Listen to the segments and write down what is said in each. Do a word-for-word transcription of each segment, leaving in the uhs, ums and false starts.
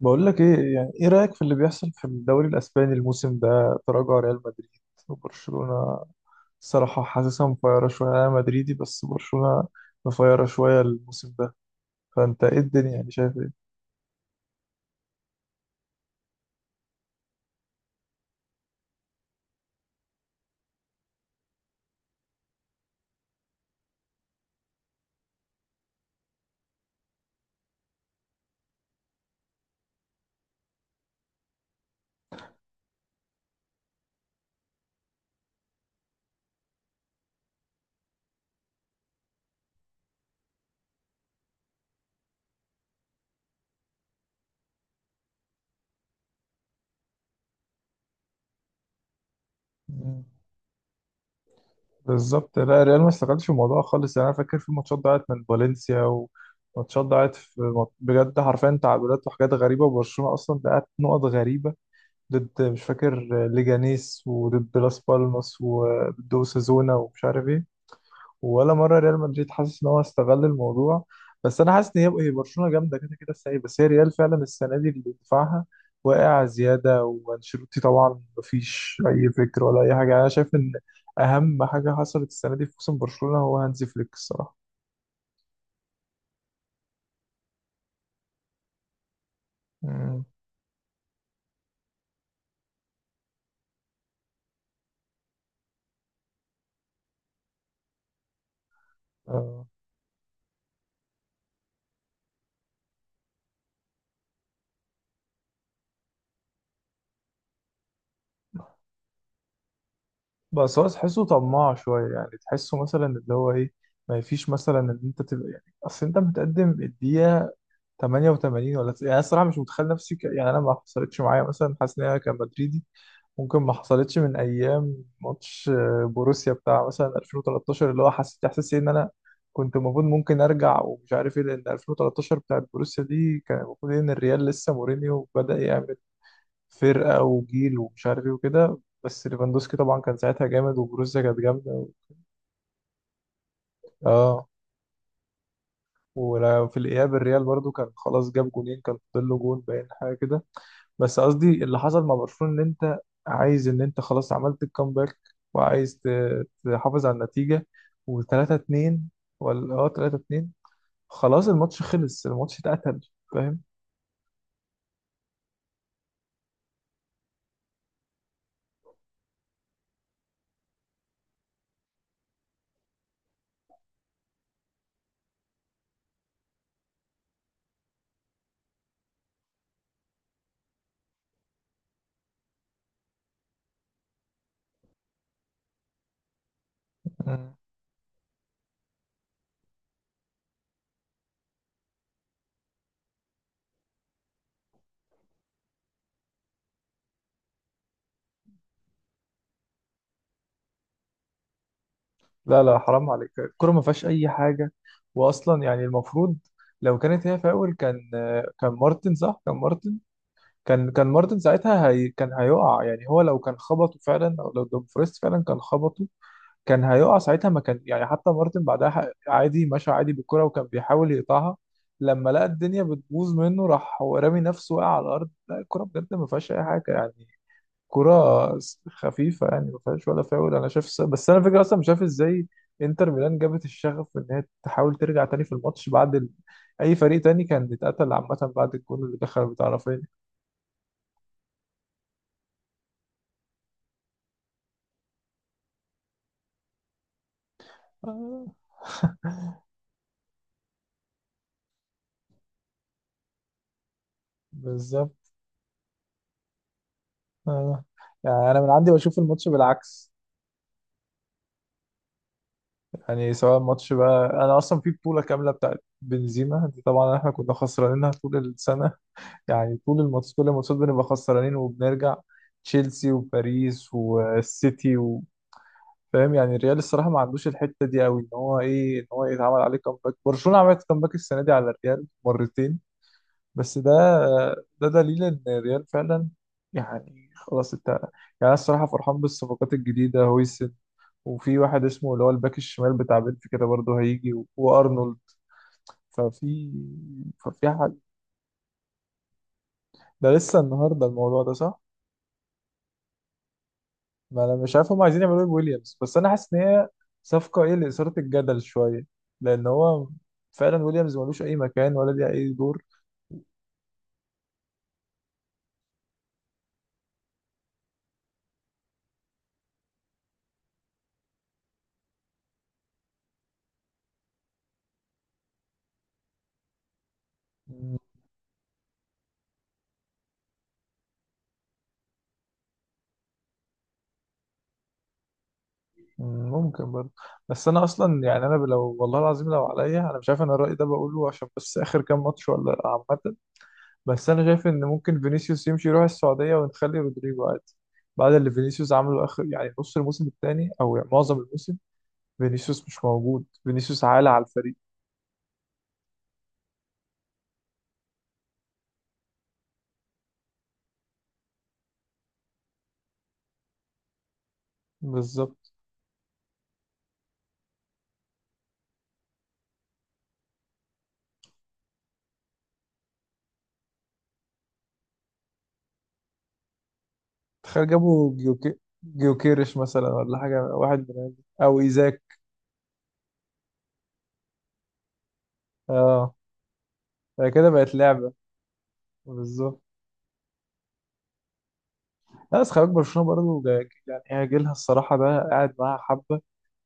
بقول لك ايه، يعني ايه رأيك في اللي بيحصل في الدوري الاسباني الموسم ده، تراجع ريال مدريد وبرشلونة. الصراحة حاسسها مفيرة شوية. انا مدريدي بس برشلونة مفيرة شوية الموسم ده. فانت ايه، الدنيا يعني شايف ايه؟ مم. بالظبط. لا ريال ما استغلش الموضوع خالص. يعني انا فاكر في ماتشات ضاعت من فالنسيا وماتشات ضاعت في مط- بجد، حرفيا تعادلات وحاجات غريبة. وبرشلونة اصلا ضيعت نقط غريبة ضد، مش فاكر، ليجانيس وضد لاس بالماس وضد اوساسونا ومش عارف ايه. ولا مره ريال مدريد حاسس ان هو استغل الموضوع. بس انا حاسس ان هي هي برشلونه جامده كده كده السنه دي. بس هي ريال فعلا السنه دي اللي دفاعها واقع زياده، وانشيلوتي طبعا مفيش اي فكر ولا اي حاجه. انا شايف ان اهم حاجه حصلت السنه دي في موسم برشلونه هو هانزي فليك الصراحه. مم. آه. بس هو تحسه طماع شويه. يعني تحسه مثلا اللي هو ايه، ما فيش مثلا ان انت تبقى يعني، اصل انت متقدم الدقيقه تمانية وتمانين ولا تس- يعني انا الصراحه مش متخيل نفسي ك... يعني انا ما حصلتش معايا مثلا، حاسس ان انا كمدريدي ممكن ما حصلتش من ايام ماتش آه، بوروسيا بتاع مثلا ألفين وتلتاشر، اللي هو حسيت احساس إيه ان انا كنت المفروض ممكن ارجع ومش عارف ايه. لان ألفين وثلاثة عشر بتاعت بوروسيا دي كان المفروض ان الريال لسه مورينيو بدأ يعمل فرقة وجيل ومش عارف ايه وكده. بس ليفاندوسكي طبعا كان ساعتها جامد وبوروسيا كانت جامدة. اه. وفي الاياب الريال برضو كان خلاص جاب جونين، كان فاضل له جون باين حاجة كده. بس قصدي، اللي حصل مع برشلونة ان انت عايز ان انت خلاص عملت الكامباك وعايز ت- تحافظ على النتيجة، و3 2، ولا اه تلاتة اتنين. خلاص الماتش خلص، الماتش اتقتل، فاهم؟ مم. لا لا، حرام عليك، الكرة ما فيهاش اي حاجة. واصلا يعني المفروض، لو كانت هي فاول، كان كان مارتن، صح؟ كان مارتن. كان كان مارتن ساعتها، هي كان هيقع. يعني هو لو كان خبطه فعلا، او لو دومفريس فعلا كان خبطه، كان هيقع ساعتها. ما كان يعني، حتى مارتن بعدها ح- عادي مشى عادي بالكرة وكان بيحاول يقطعها. لما لقى الدنيا بتبوظ منه راح هو رامي نفسه، وقع على الأرض. لا الكرة بجد ما فيهاش أي حاجة يعني. كرة س- خفيفة يعني، ما فيهاش ولا فاول أنا شايف. س- بس أنا فكرة، أصلا مش عارف إزاي إنتر ميلان جابت الشغف إن هي تحاول ترجع تاني في الماتش بعد ال... أي فريق تاني كان اتقتل عامة بعد الجول اللي دخل بتاع رافينيا. آه، بالظبط. آه. يعني أنا من عندي بشوف الماتش بالعكس. يعني سواء الماتش بقى، انا اصلا في بطوله كامله بتاعت بنزيما دي طبعا احنا كنا خسرانينها طول السنه. يعني طول الماتش، كل الماتشات بنبقى خسرانين وبنرجع. تشيلسي وباريس والسيتي و- فاهم؟ يعني الريال الصراحه ما عندوش الحته دي قوي، ان هو ايه، ان هو يتعمل عليه كامباك. برشلونه عملت كامباك السنه دي على الريال مرتين. بس ده ده دليل ان الريال فعلا يعني خلاص انت يعني. انا الصراحه فرحان بالصفقات الجديده، هويسن، وفي واحد اسمه اللي هو الباك الشمال بتاع بنفيكا كده برضه هيجي و- وارنولد. ففي ففي حاجه، ده لسه النهارده، الموضوع ده صح؟ ما انا مش عارف هم عايزين يعملوا ايه بويليامز. بس انا حاسس ان هي صفقه ايه، لاثاره الجدل شويه. لان هو فعلا ويليامز ملوش اي مكان ولا ليه اي دور. مم، ممكن برضه. بس انا اصلا يعني، انا لو والله العظيم لو عليا، انا مش عارف انا الراي ده بقوله عشان بس اخر كام ماتش ولا لأ عامه. بس انا شايف ان ممكن فينيسيوس يمشي يروح السعوديه ونخلي رودريجو عادي. بعد اللي فينيسيوس عمله اخر يعني نص الموسم الثاني، او يعني معظم الموسم، فينيسيوس مش موجود، فينيسيوس عالة على الفريق. بالظبط. تخيل جابوا جيوكي جيوكيرش مثلا ولا حاجه، واحد من هذه. او ايزاك. اه. هي كده بقت لعبه. بالظبط. لا بس خلي بالك برشلونة برضه جا- يعني هي جيلها الصراحة ده قاعد معاها حبة.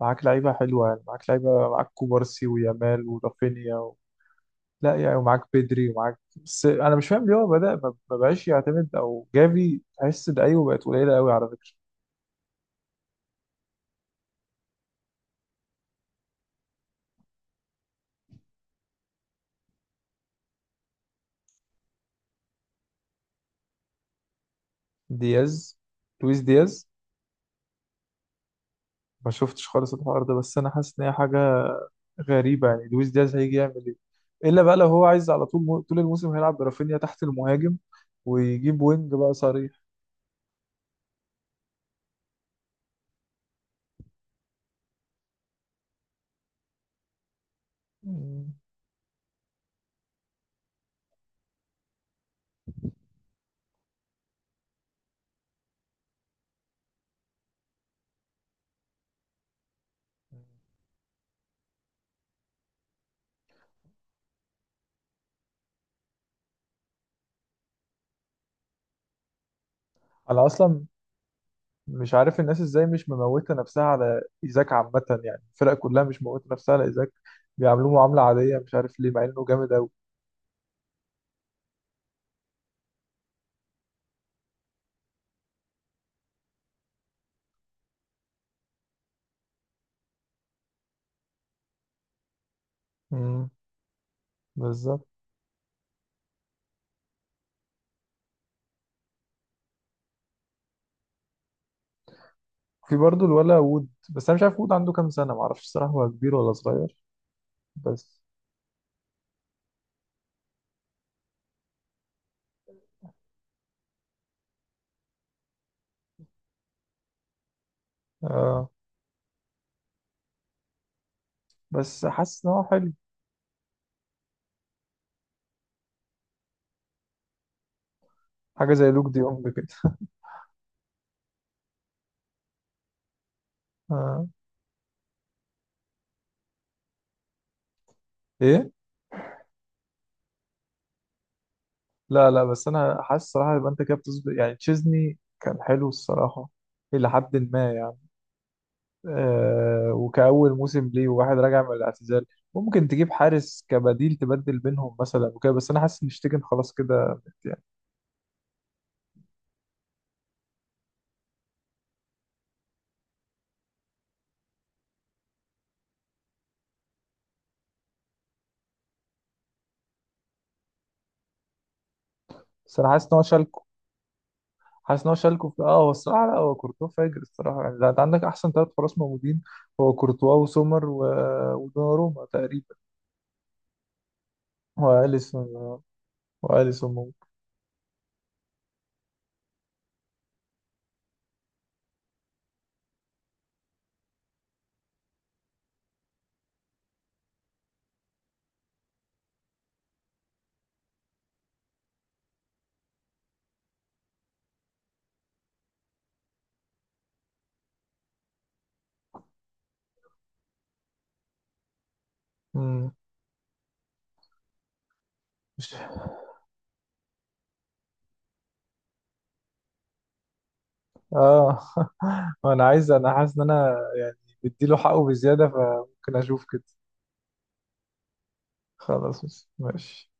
معاك لعيبة حلوة، يعني معاك لعيبة، معاك كوبارسي ويامال ورافينيا. و... لا يعني، ومعاك بدري ومعاك. بس أنا مش فاهم ليه هو بدأ ما ما بقاش يعتمد أو جافي تحس ده، أيوه بقت قليلة قوي على فكرة. دياز. لويس دياز. ما شفتش خالص الحوار ده، بس أنا حاسس إن هي حاجة غريبة. يعني لويس دياز هيجي يعمل إيه؟ إلا بقى لو هو عايز على طول مو... طول الموسم هيلعب برافينيا تحت المهاجم ويجيب وينج بقى صريح. مم. أنا أصلا مش عارف الناس ازاي مش مموتة نفسها على ايزاك عامة. يعني الفرق كلها مش مموتة نفسها على ايزاك، بيعاملوه معاملة عادية، مش عارف ليه، مع انه جامد اوي. امم بالظبط. في برضه الولا وود، بس انا مش عارف وود عنده كام سنة، معرفش الصراحة هو كبير ولا صغير. بس آه بس حاسس ان هو حلو. حاجة زي لوك دي يونج كده. آه. ايه. لا لا، بس انا حاسس الصراحة يبقى انت كده بتظبط. يعني تشيزني كان حلو الصراحة إلى حد ما يعني، آه، وكأول موسم ليه وواحد راجع من الاعتزال. ممكن تجيب حارس كبديل تبدل بينهم مثلا وكده، بس انا حاسس ان شتيجن خلاص كده يعني. بس انا حاسس ان هو شالكو. حاسس ان هو شالكو في اه هو الصراحه، لا، هو كورتوا فاجر الصراحه. يعني ده انت عندك احسن ثلاث حراس موجودين، هو كورتوا وسومر و... ودوناروما تقريبا. واليسون، واليسون ممكن. مم. مش اه انا عايز، انا حاسس ان انا يعني بديله حقه بزياده، فممكن اشوف كده. خلاص ماشي.